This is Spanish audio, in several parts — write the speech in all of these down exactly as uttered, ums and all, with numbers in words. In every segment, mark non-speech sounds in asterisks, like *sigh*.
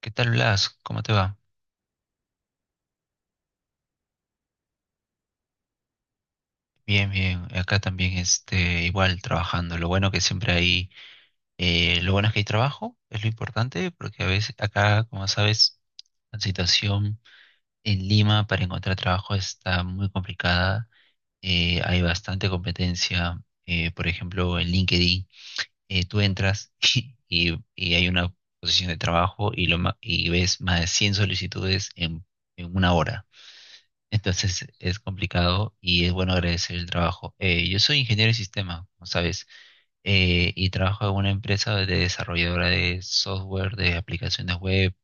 ¿Qué tal, Blas? ¿Cómo te va? Bien, bien. Acá también, este, igual trabajando. Lo bueno que siempre hay, eh, lo bueno es que hay trabajo, es lo importante, porque a veces acá, como sabes, la situación en Lima para encontrar trabajo está muy complicada. Eh, hay bastante competencia. Eh, por ejemplo, en LinkedIn, eh, tú entras *laughs* y, y hay una posición de trabajo y, lo, ma- y ves más de cien solicitudes en, en una hora. Entonces es complicado y es bueno agradecer el trabajo. Eh, yo soy ingeniero de sistema, como sabes, eh, y trabajo en una empresa de desarrolladora de software, de aplicaciones web,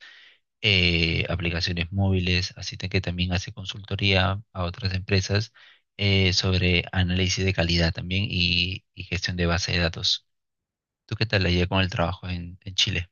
eh, aplicaciones móviles, así que también hace consultoría a otras empresas eh, sobre análisis de calidad también y, y gestión de base de datos. ¿Tú qué tal la llevas con el trabajo en, en Chile?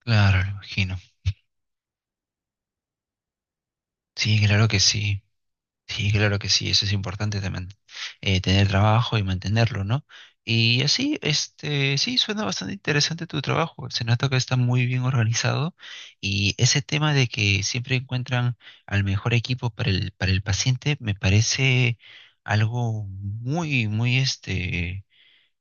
Claro, lo imagino. Sí, claro que sí. Sí, claro que sí, eso es importante también, eh, tener trabajo y mantenerlo, ¿no? Y así, este, sí, suena bastante interesante tu trabajo, se nota que está muy bien organizado y ese tema de que siempre encuentran al mejor equipo para el, para el paciente me parece algo muy, muy, este,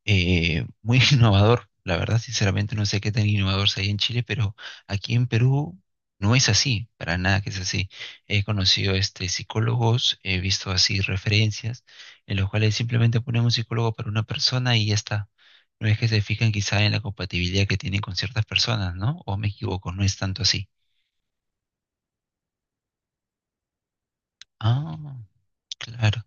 eh, muy *laughs* innovador. La verdad, sinceramente, no sé qué tan innovador sea ahí en Chile, pero aquí en Perú no es así, para nada que es así. He conocido este, psicólogos, he visto así referencias en los cuales simplemente ponen un psicólogo para una persona y ya está. No es que se fijan quizá en la compatibilidad que tienen con ciertas personas, ¿no? O me equivoco, no es tanto así. Ah, claro.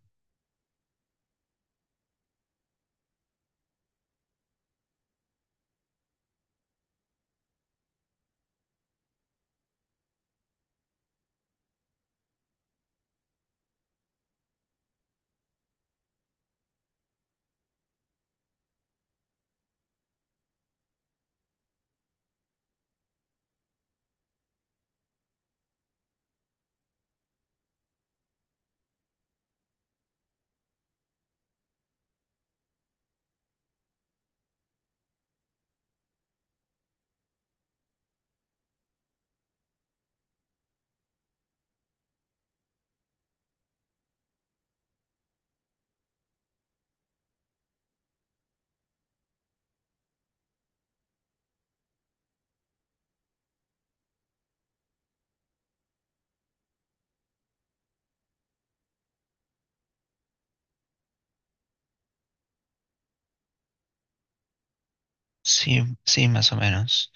Sí, sí, más o menos.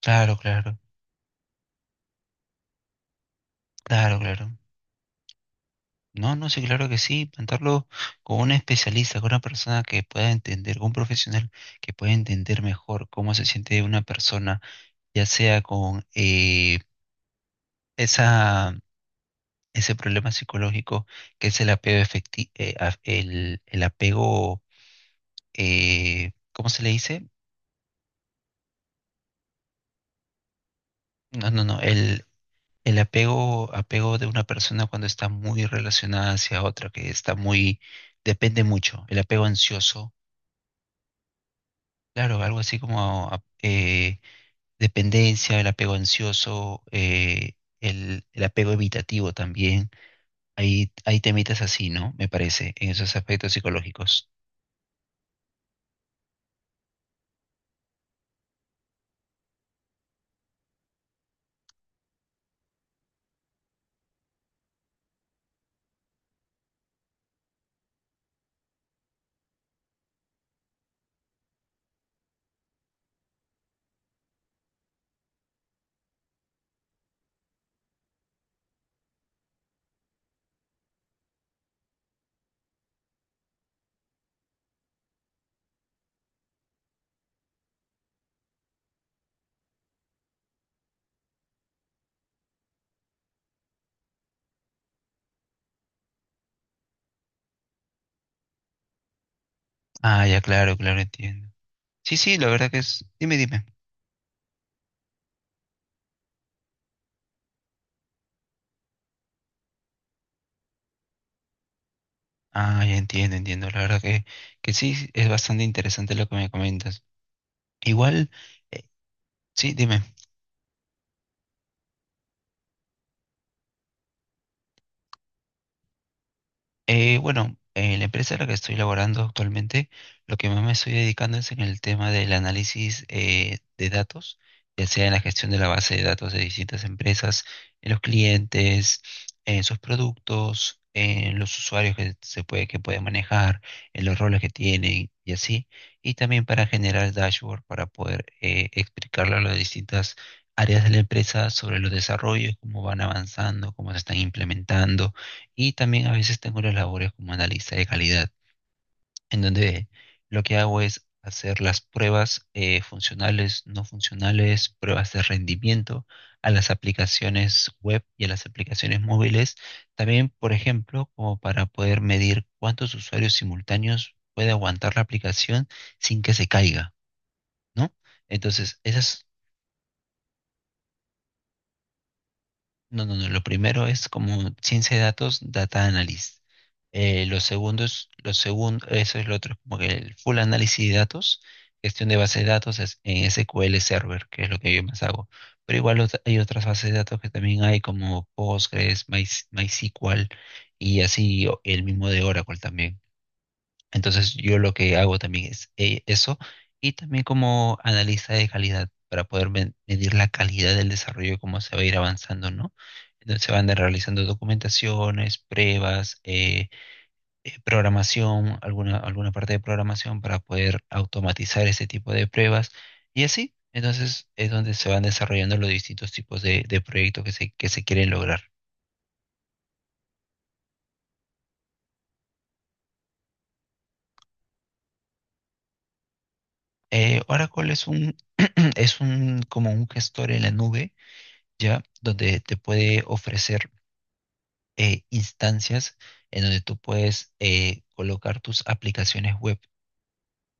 Claro, claro, claro, claro. No, no, sí, claro que sí, plantarlo con un especialista, con una persona que pueda entender, con un profesional que pueda entender mejor cómo se siente una persona, ya sea con eh, esa, ese problema psicológico que es el apego efectivo, el, el apego, eh, ¿cómo se le dice? No, no, no, el, el apego, apego de una persona cuando está muy relacionada hacia otra, que está muy, depende mucho, el apego ansioso, claro, algo así como, ah, eh, dependencia, el apego ansioso, eh, el, el apego evitativo también. Ahí, ahí temitas así, ¿no? Me parece, en esos aspectos psicológicos. Ah, ya, claro, claro, entiendo. Sí, sí, la verdad que es. Dime, dime. Ah, ya entiendo, entiendo. La verdad que, que sí, es bastante interesante lo que me comentas. Igual, eh, sí, dime. Eh, bueno, en la empresa en la que estoy laborando actualmente, lo que más me estoy dedicando es en el tema del análisis eh, de datos, ya sea en la gestión de la base de datos de distintas empresas, en los clientes, en sus productos, en los usuarios que se puede, que puede manejar, en los roles que tienen y así, y también para generar dashboard para poder eh, explicarle a las distintas áreas de la empresa sobre los desarrollos, cómo van avanzando, cómo se están implementando y también a veces tengo las labores como analista de calidad, en donde lo que hago es hacer las pruebas eh, funcionales, no funcionales, pruebas de rendimiento a las aplicaciones web y a las aplicaciones móviles. También, por ejemplo, como para poder medir cuántos usuarios simultáneos puede aguantar la aplicación sin que se caiga, ¿no? Entonces, esas. No, no, no. Lo primero es como ciencia de datos, data analysis. Eh, lo segundo es, lo segundo, eso es lo otro, como que el full análisis de datos, gestión de bases de datos es- en S Q L Server, que es lo que yo más hago. Pero igual ot- hay otras bases de datos que también hay como Postgres, My- MySQL y así o- el mismo de Oracle también. Entonces yo lo que hago también es eh, eso y también como analista de calidad para poder men- medir la calidad del desarrollo, cómo se va a ir avanzando, ¿no? Entonces se van de- realizando documentaciones, pruebas, eh, eh, programación, alguna, alguna parte de programación para poder automatizar ese tipo de pruebas y así. Entonces es donde se van desarrollando los distintos tipos de, de proyectos que se, que se quieren lograr. Eh, Oracle es un, *clears throat* es un, como un gestor en la nube, ¿ya? Donde te puede ofrecer eh, instancias en donde tú puedes eh, colocar tus aplicaciones web.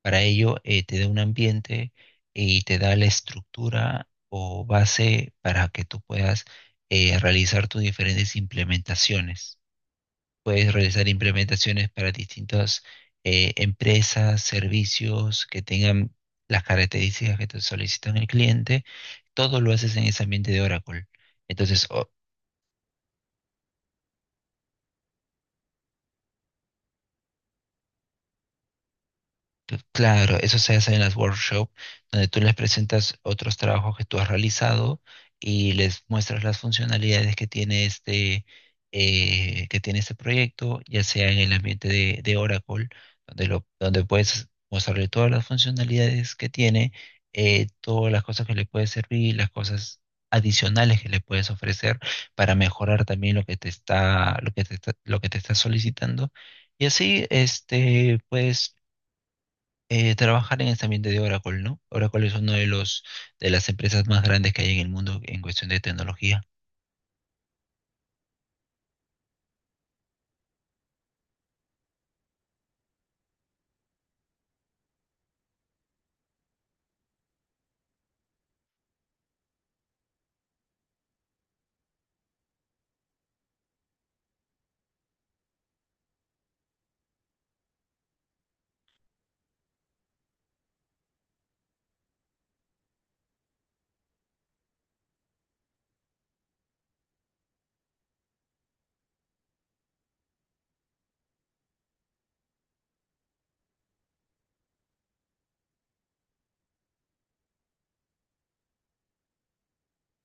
Para ello, eh, te da un ambiente y te da la estructura o base para que tú puedas eh, realizar tus diferentes implementaciones. Puedes realizar implementaciones para distintas eh, empresas, servicios que tengan las características que te solicitan el cliente. Todo lo haces en ese ambiente de Oracle. Entonces, o-. Claro, eso se hace en las workshops, donde tú les presentas otros trabajos que tú has realizado y les muestras las funcionalidades que tiene este, eh, que tiene este proyecto, ya sea en el ambiente de, de Oracle, donde, lo, donde puedes mostrarle todas las funcionalidades que tiene, eh, todas las cosas que le puede servir, las cosas adicionales que le puedes ofrecer para mejorar también lo que te está, lo que te está- lo que te está solicitando. Y así, este, puedes eh, trabajar en ese ambiente de Oracle, ¿no? Oracle es una de los de las empresas más grandes que hay en el mundo en cuestión de tecnología.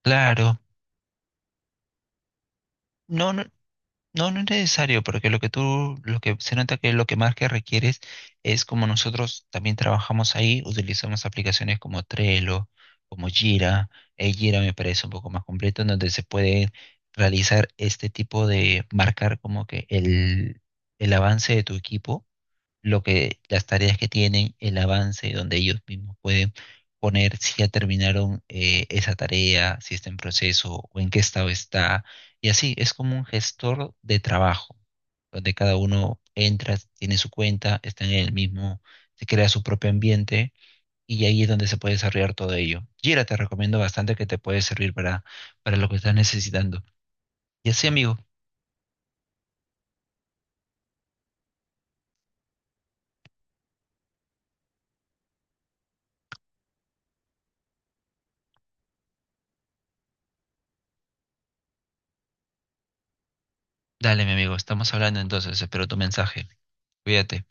Claro, no, no, no, no es necesario, porque lo que tú, lo que se nota que lo que más que requieres es como nosotros también trabajamos ahí, utilizamos aplicaciones como Trello, como Jira, eh, Jira me parece un poco más completo, en donde se puede realizar este tipo de marcar como que el, el avance de tu equipo lo que las tareas que tienen, el avance, donde ellos mismos pueden poner si ya terminaron eh, esa tarea, si está en proceso o en qué estado está. Y así es como un gestor de trabajo, donde cada uno entra, tiene su cuenta, está en el mismo, se crea su propio ambiente y ahí es donde se puede desarrollar todo ello. Jira, te recomiendo bastante que te puede servir para, para lo que estás necesitando. Y así, amigo, dale, mi amigo, estamos hablando entonces, espero tu mensaje. Cuídate.